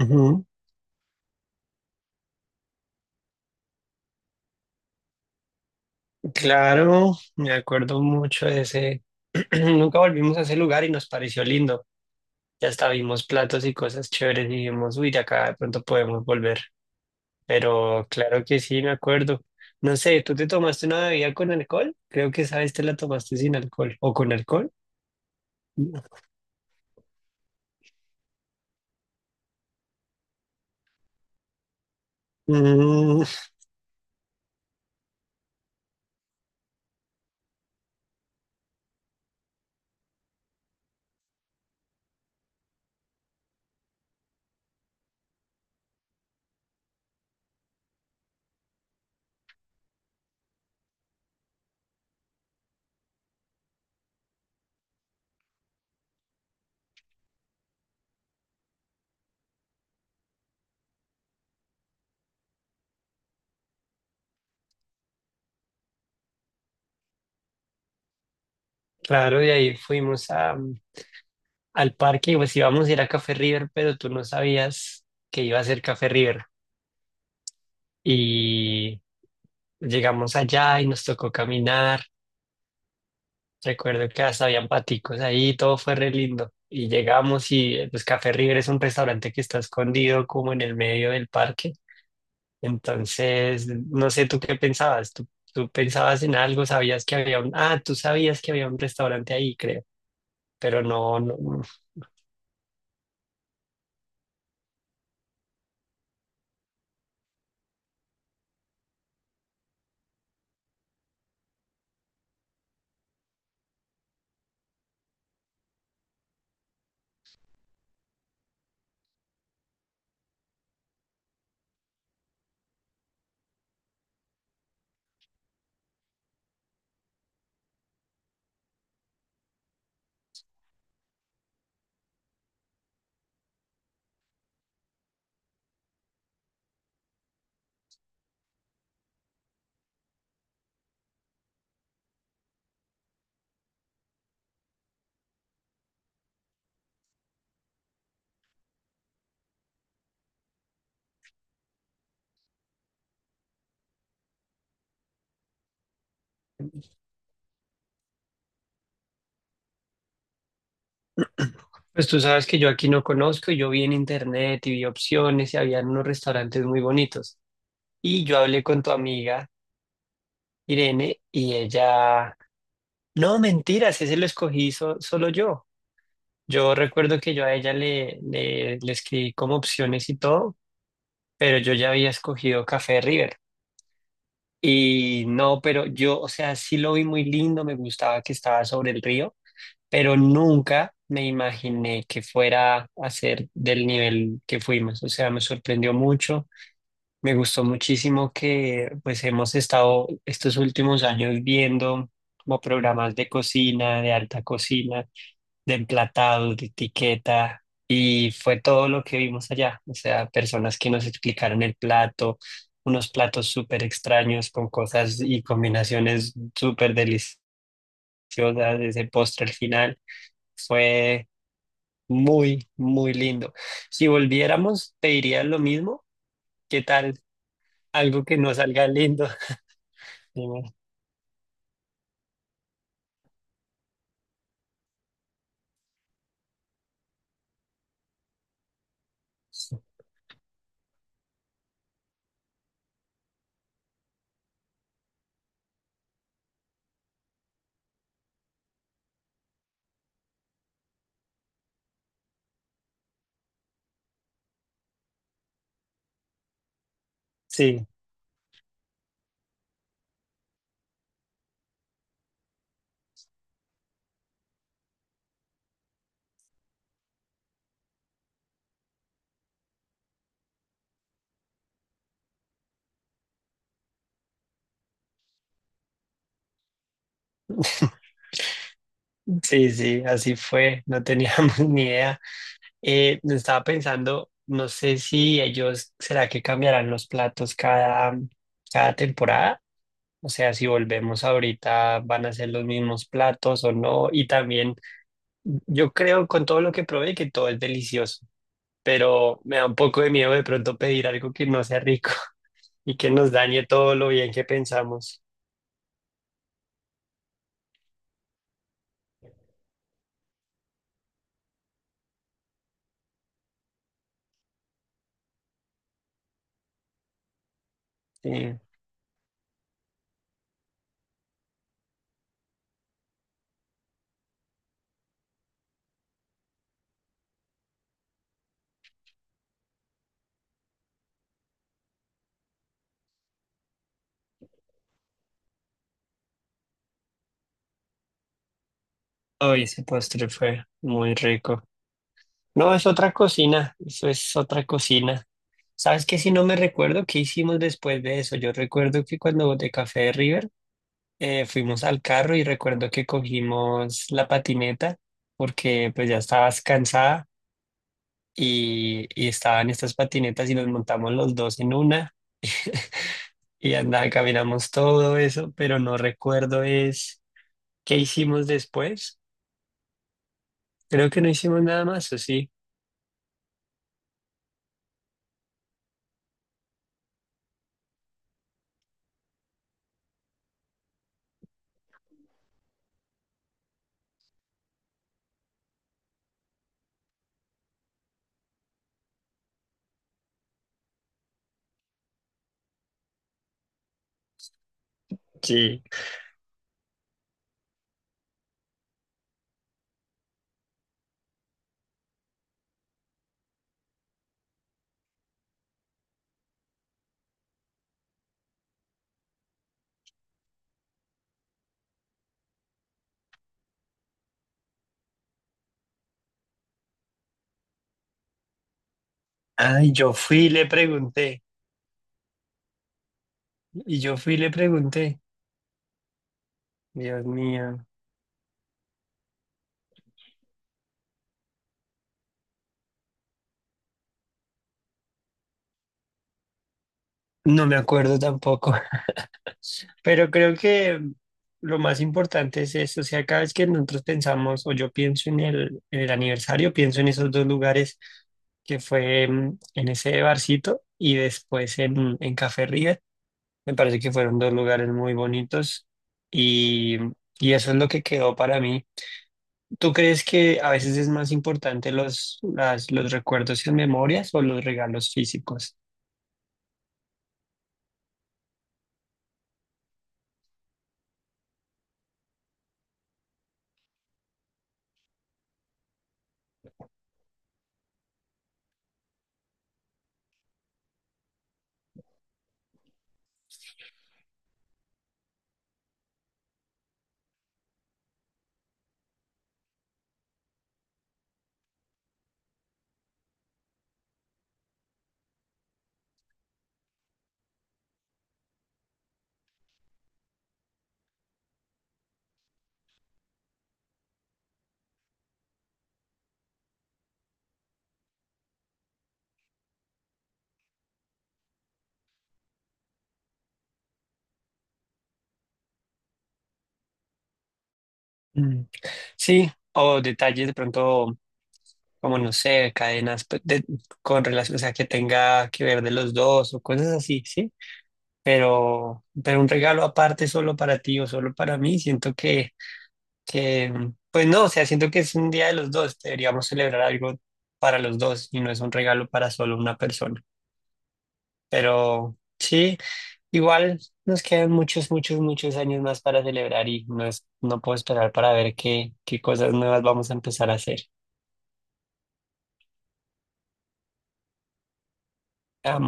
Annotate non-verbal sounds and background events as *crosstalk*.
Ujú. Claro, me acuerdo mucho de ese. *clears throat* Nunca volvimos a ese lugar y nos pareció lindo. Ya hasta vimos platos y cosas chéveres y dijimos, uy, de acá de pronto podemos volver. Pero claro que sí, me acuerdo. No sé, ¿tú te tomaste una bebida con alcohol? Creo que esa vez te la tomaste sin alcohol. ¿O con alcohol? Mm, claro, y ahí fuimos a, al parque y pues íbamos a ir a Café River, pero tú no sabías que iba a ser Café River. Y llegamos allá y nos tocó caminar. Recuerdo que hasta habían paticos ahí, todo fue re lindo. Y llegamos y pues Café River es un restaurante que está escondido como en el medio del parque. Entonces, no sé tú qué pensabas. Tú pensabas en algo, sabías que había un... Ah, tú sabías que había un restaurante ahí, creo. Pero no, no, no. Pues tú sabes que yo aquí no conozco. Y yo vi en internet y vi opciones y habían unos restaurantes muy bonitos. Y yo hablé con tu amiga Irene y ella... No, mentiras, ese solo yo. Yo recuerdo que yo a ella le escribí como opciones y todo, pero yo ya había escogido Café River. Y no, pero yo, o sea, sí lo vi muy lindo, me gustaba que estaba sobre el río, pero nunca me imaginé que fuera a ser del nivel que fuimos. O sea, me sorprendió mucho, me gustó muchísimo que pues hemos estado estos últimos años viendo como programas de cocina, de alta cocina, de emplatado, de etiqueta, y fue todo lo que vimos allá. O sea, personas que nos explicaron el plato, unos platos súper extraños con cosas y combinaciones súper deliciosas, ese postre al final fue muy, muy lindo. Si volviéramos, te diría lo mismo. ¿Qué tal? Algo que no salga lindo. *laughs* Dime. Sí, sí, sí, así fue. No teníamos *laughs* ni idea. Estaba pensando, no sé si ellos, ¿será que cambiarán los platos cada temporada? O sea, si volvemos ahorita, ¿van a ser los mismos platos o no? Y también, yo creo con todo lo que probé que todo es delicioso, pero me da un poco de miedo de pronto pedir algo que no sea rico. *laughs* Y que nos dañe todo lo bien que pensamos. Sí. Hoy ese postre fue muy rico. No, es otra cocina, eso es otra cocina. ¿Sabes qué? Si no me recuerdo qué hicimos después de eso. Yo recuerdo que cuando de Café de River, fuimos al carro y recuerdo que cogimos la patineta porque pues ya estabas cansada y estaban estas patinetas y nos montamos los dos en una y andaba, caminamos todo eso, pero no recuerdo es qué hicimos después. Creo que no hicimos nada más, ¿o sí? Sí. Ay, yo fui y le pregunté. Y yo fui y le pregunté, Dios mío, no me acuerdo tampoco. *laughs* Pero creo que lo más importante es eso, o sea, cada vez que nosotros pensamos o yo pienso en el aniversario, pienso en esos dos lugares que fue, en ese barcito y después en Café River, me parece que fueron dos lugares muy bonitos y, y eso es lo que quedó para mí. ¿Tú crees que a veces es más importante los, las- los recuerdos y memorias o los regalos físicos? Mm, Sí, o detalles de pronto, como no sé, cadenas pues, de- con relación, o sea, que tenga que ver de los dos o cosas así, ¿sí? Pero un regalo aparte solo para ti o solo para mí, siento que, pues no, o sea, siento que es un día de los dos, deberíamos celebrar algo para los dos y no es un regalo para solo una persona. Pero sí, igual nos quedan muchos, muchos, muchos años más para celebrar y no es, no puedo esperar para ver qué, qué cosas nuevas vamos a empezar a hacer. I'm